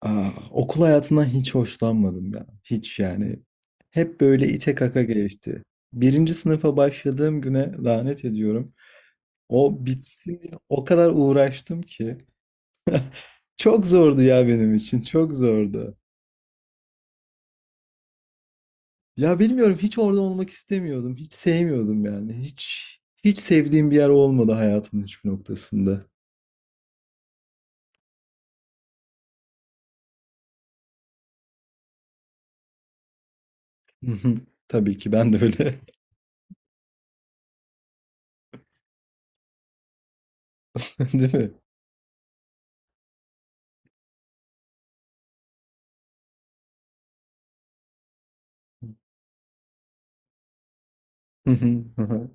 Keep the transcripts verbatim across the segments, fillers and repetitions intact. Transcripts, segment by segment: Ah, okul hayatından hiç hoşlanmadım ya. Hiç yani. Hep böyle ite kaka geçti. Birinci sınıfa başladığım güne lanet ediyorum. O bitsin diye o kadar uğraştım ki. Çok zordu ya benim için. Çok zordu. Ya bilmiyorum hiç orada olmak istemiyordum. Hiç sevmiyordum yani. Hiç hiç sevdiğim bir yer olmadı hayatımın hiçbir noktasında. Hı hı. Tabii ki ben de öyle. Değil mi? Hı hı, hı hı.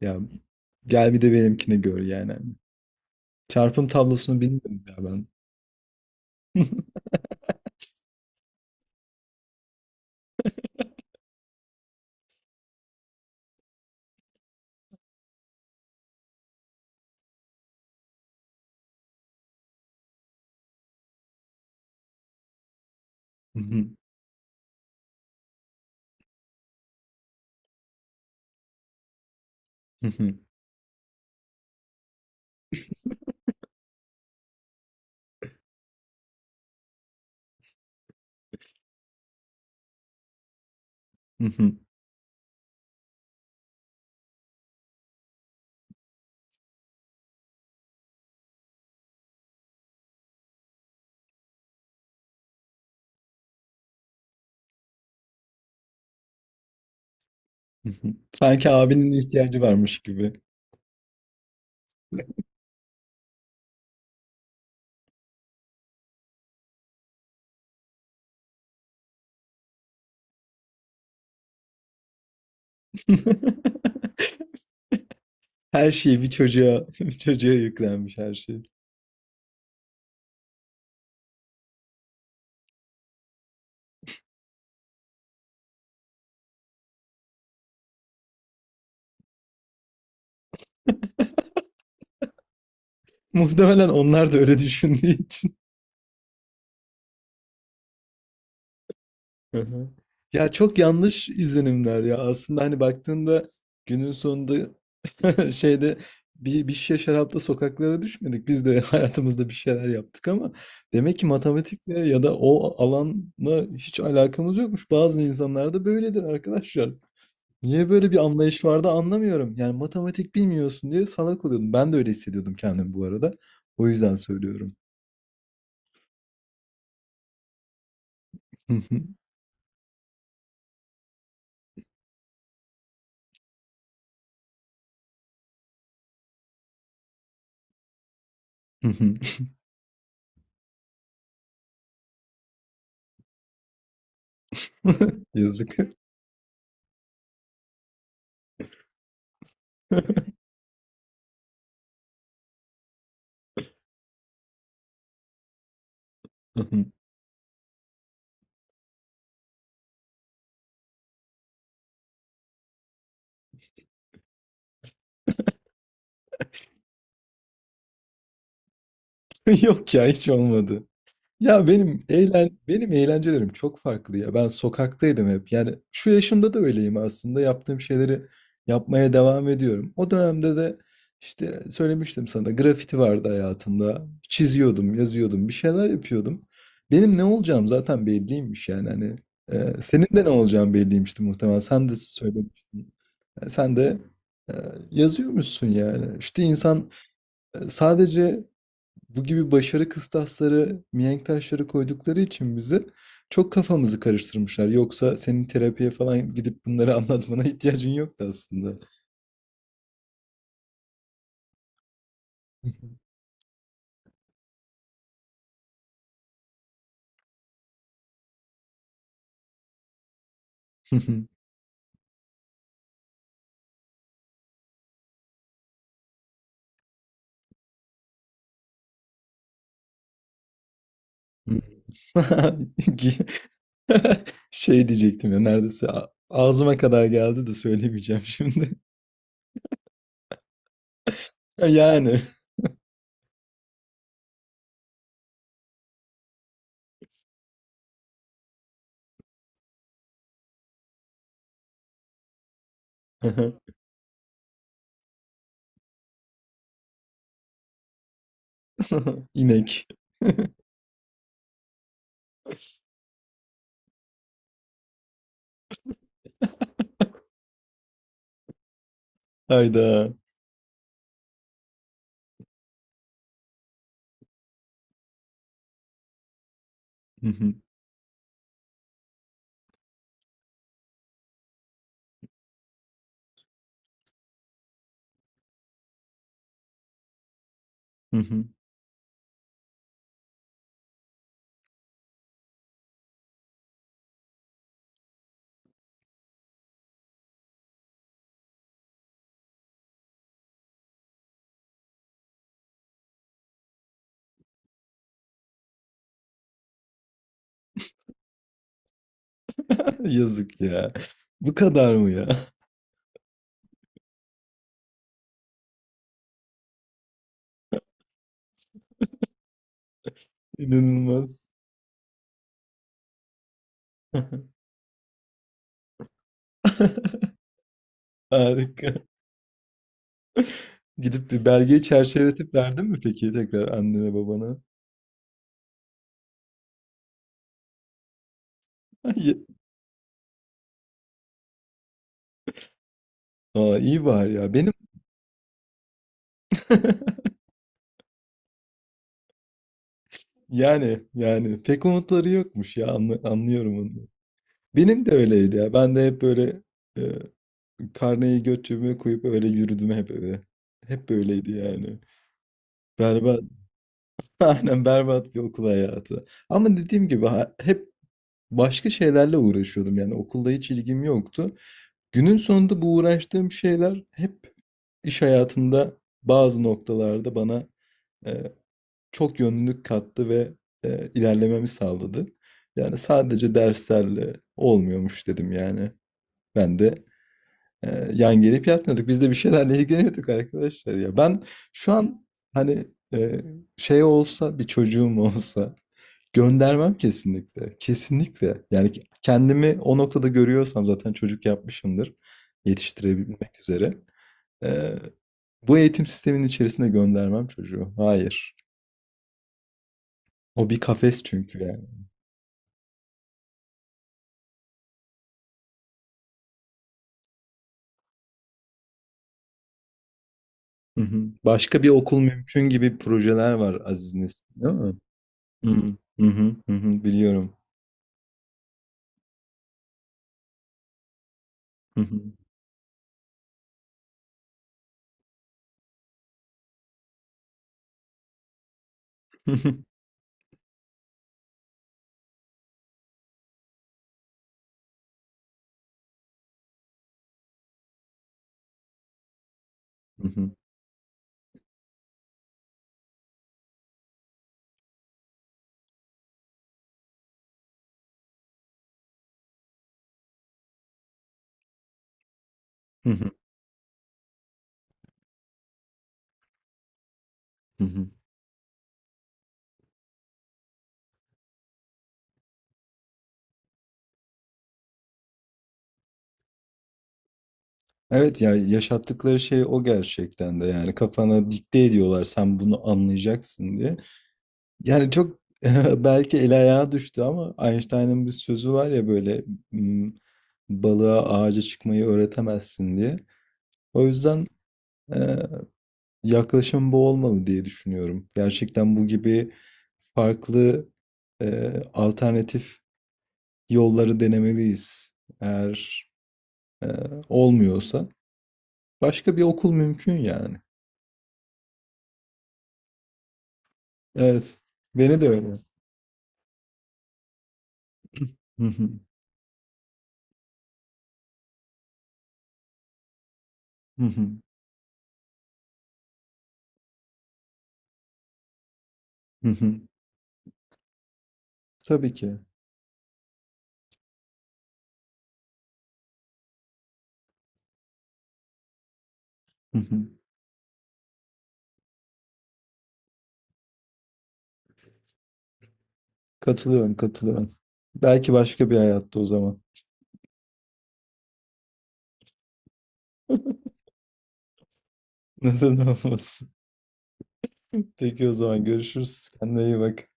Ya gel bir de benimkini gör yani. Çarpım tablosunu bilmiyorum ya ben. Sanki abinin ihtiyacı varmış gibi. Her şeyi bir çocuğa bir çocuğa yüklenmiş her şey. Muhtemelen onlar da öyle düşündüğü için. Hı hı. Ya çok yanlış izlenimler ya. Aslında hani baktığında günün sonunda Şeyde bir, bir şişe şarapla sokaklara düşmedik. Biz de hayatımızda bir şeyler yaptık ama demek ki matematikle ya da o alanla hiç alakamız yokmuş. Bazı insanlarda böyledir arkadaşlar. Niye böyle bir anlayış vardı anlamıyorum. Yani matematik bilmiyorsun diye salak oluyordum. Ben de öyle hissediyordum kendimi bu arada. O yüzden söylüyorum. Yazık. Yok ya hiç olmadı. Ya benim eğlen benim eğlencelerim çok farklı ya. Ben sokaktaydım hep. Yani şu yaşımda da öyleyim aslında. Yaptığım şeyleri yapmaya devam ediyorum. O dönemde de işte söylemiştim sana grafiti vardı hayatımda. Çiziyordum, yazıyordum, bir şeyler yapıyordum. Benim ne olacağım zaten belliymiş yani hani. e, senin de ne olacağın belliymişti muhtemelen. Sen de söylemiştin. E, Sen de e, yazıyormuşsun yani. İşte insan e, sadece bu gibi başarı kıstasları, mihenk taşları koydukları için bize çok kafamızı karıştırmışlar. Yoksa senin terapiye falan gidip bunları anlatmana ihtiyacın yoktu aslında. Şey diyecektim ya neredeyse a- ağzıma kadar geldi de söylemeyeceğim şimdi. Yani inek. Hayda. Yazık ya. Bu kadar mı ya? İnanılmaz. Harika. Gidip bir belgeyi çerçeveletip verdin mi peki tekrar annene babana? Ay, Aa, iyi var ya. Benim yani yani pek umutları yokmuş ya anlı- anlıyorum onu. Benim de öyleydi ya. Ben de hep böyle e, karneyi göt cebime koyup öyle yürüdüm hep eve. Hep böyleydi yani. Berbat. Aynen berbat bir okul hayatı. Ama dediğim gibi ha- hep başka şeylerle uğraşıyordum. Yani okulda hiç ilgim yoktu. Günün sonunda bu uğraştığım şeyler hep İş hayatında bazı noktalarda bana, eee, çok yönlülük kattı ve, eee, ilerlememi sağladı. Yani, sadece derslerle olmuyormuş dedim yani. Ben de, eee, yan gelip yatmıyorduk. Biz de bir şeylerle ilgileniyorduk arkadaşlar ya. Ben şu an, hani, eee, şey olsa, bir çocuğum olsa göndermem kesinlikle. Kesinlikle. Yani, kendimi o noktada görüyorsam zaten çocuk yapmışımdır yetiştirebilmek üzere. Eee, bu eğitim sisteminin içerisine göndermem çocuğu. Hayır. O bir kafes çünkü yani. Hı hı. Başka bir okul mümkün gibi projeler var Aziz Nesin, değil mi? Hı hı. Hı hı. Hı hı. Biliyorum. Hı hı. Hı hı. Hı hı. Hı hı. Hı hı. Evet ya yaşattıkları şey o gerçekten de yani kafana dikte ediyorlar sen bunu anlayacaksın diye. Yani çok belki el ayağa düştü ama Einstein'ın bir sözü var ya böyle "M, balığa ağaca çıkmayı öğretemezsin diye. O yüzden e, yaklaşım bu olmalı diye düşünüyorum. Gerçekten bu gibi farklı e, alternatif yolları denemeliyiz. Eğer e, olmuyorsa başka bir okul mümkün yani. Evet, beni de öyle. Hı hı, hı hı, hı hı. Tabii ki. Hı hı. Katılıyorum, katılıyorum. Belki başka bir hayatta o zaman. Neden olmasın? Peki o zaman görüşürüz. Kendine iyi bak.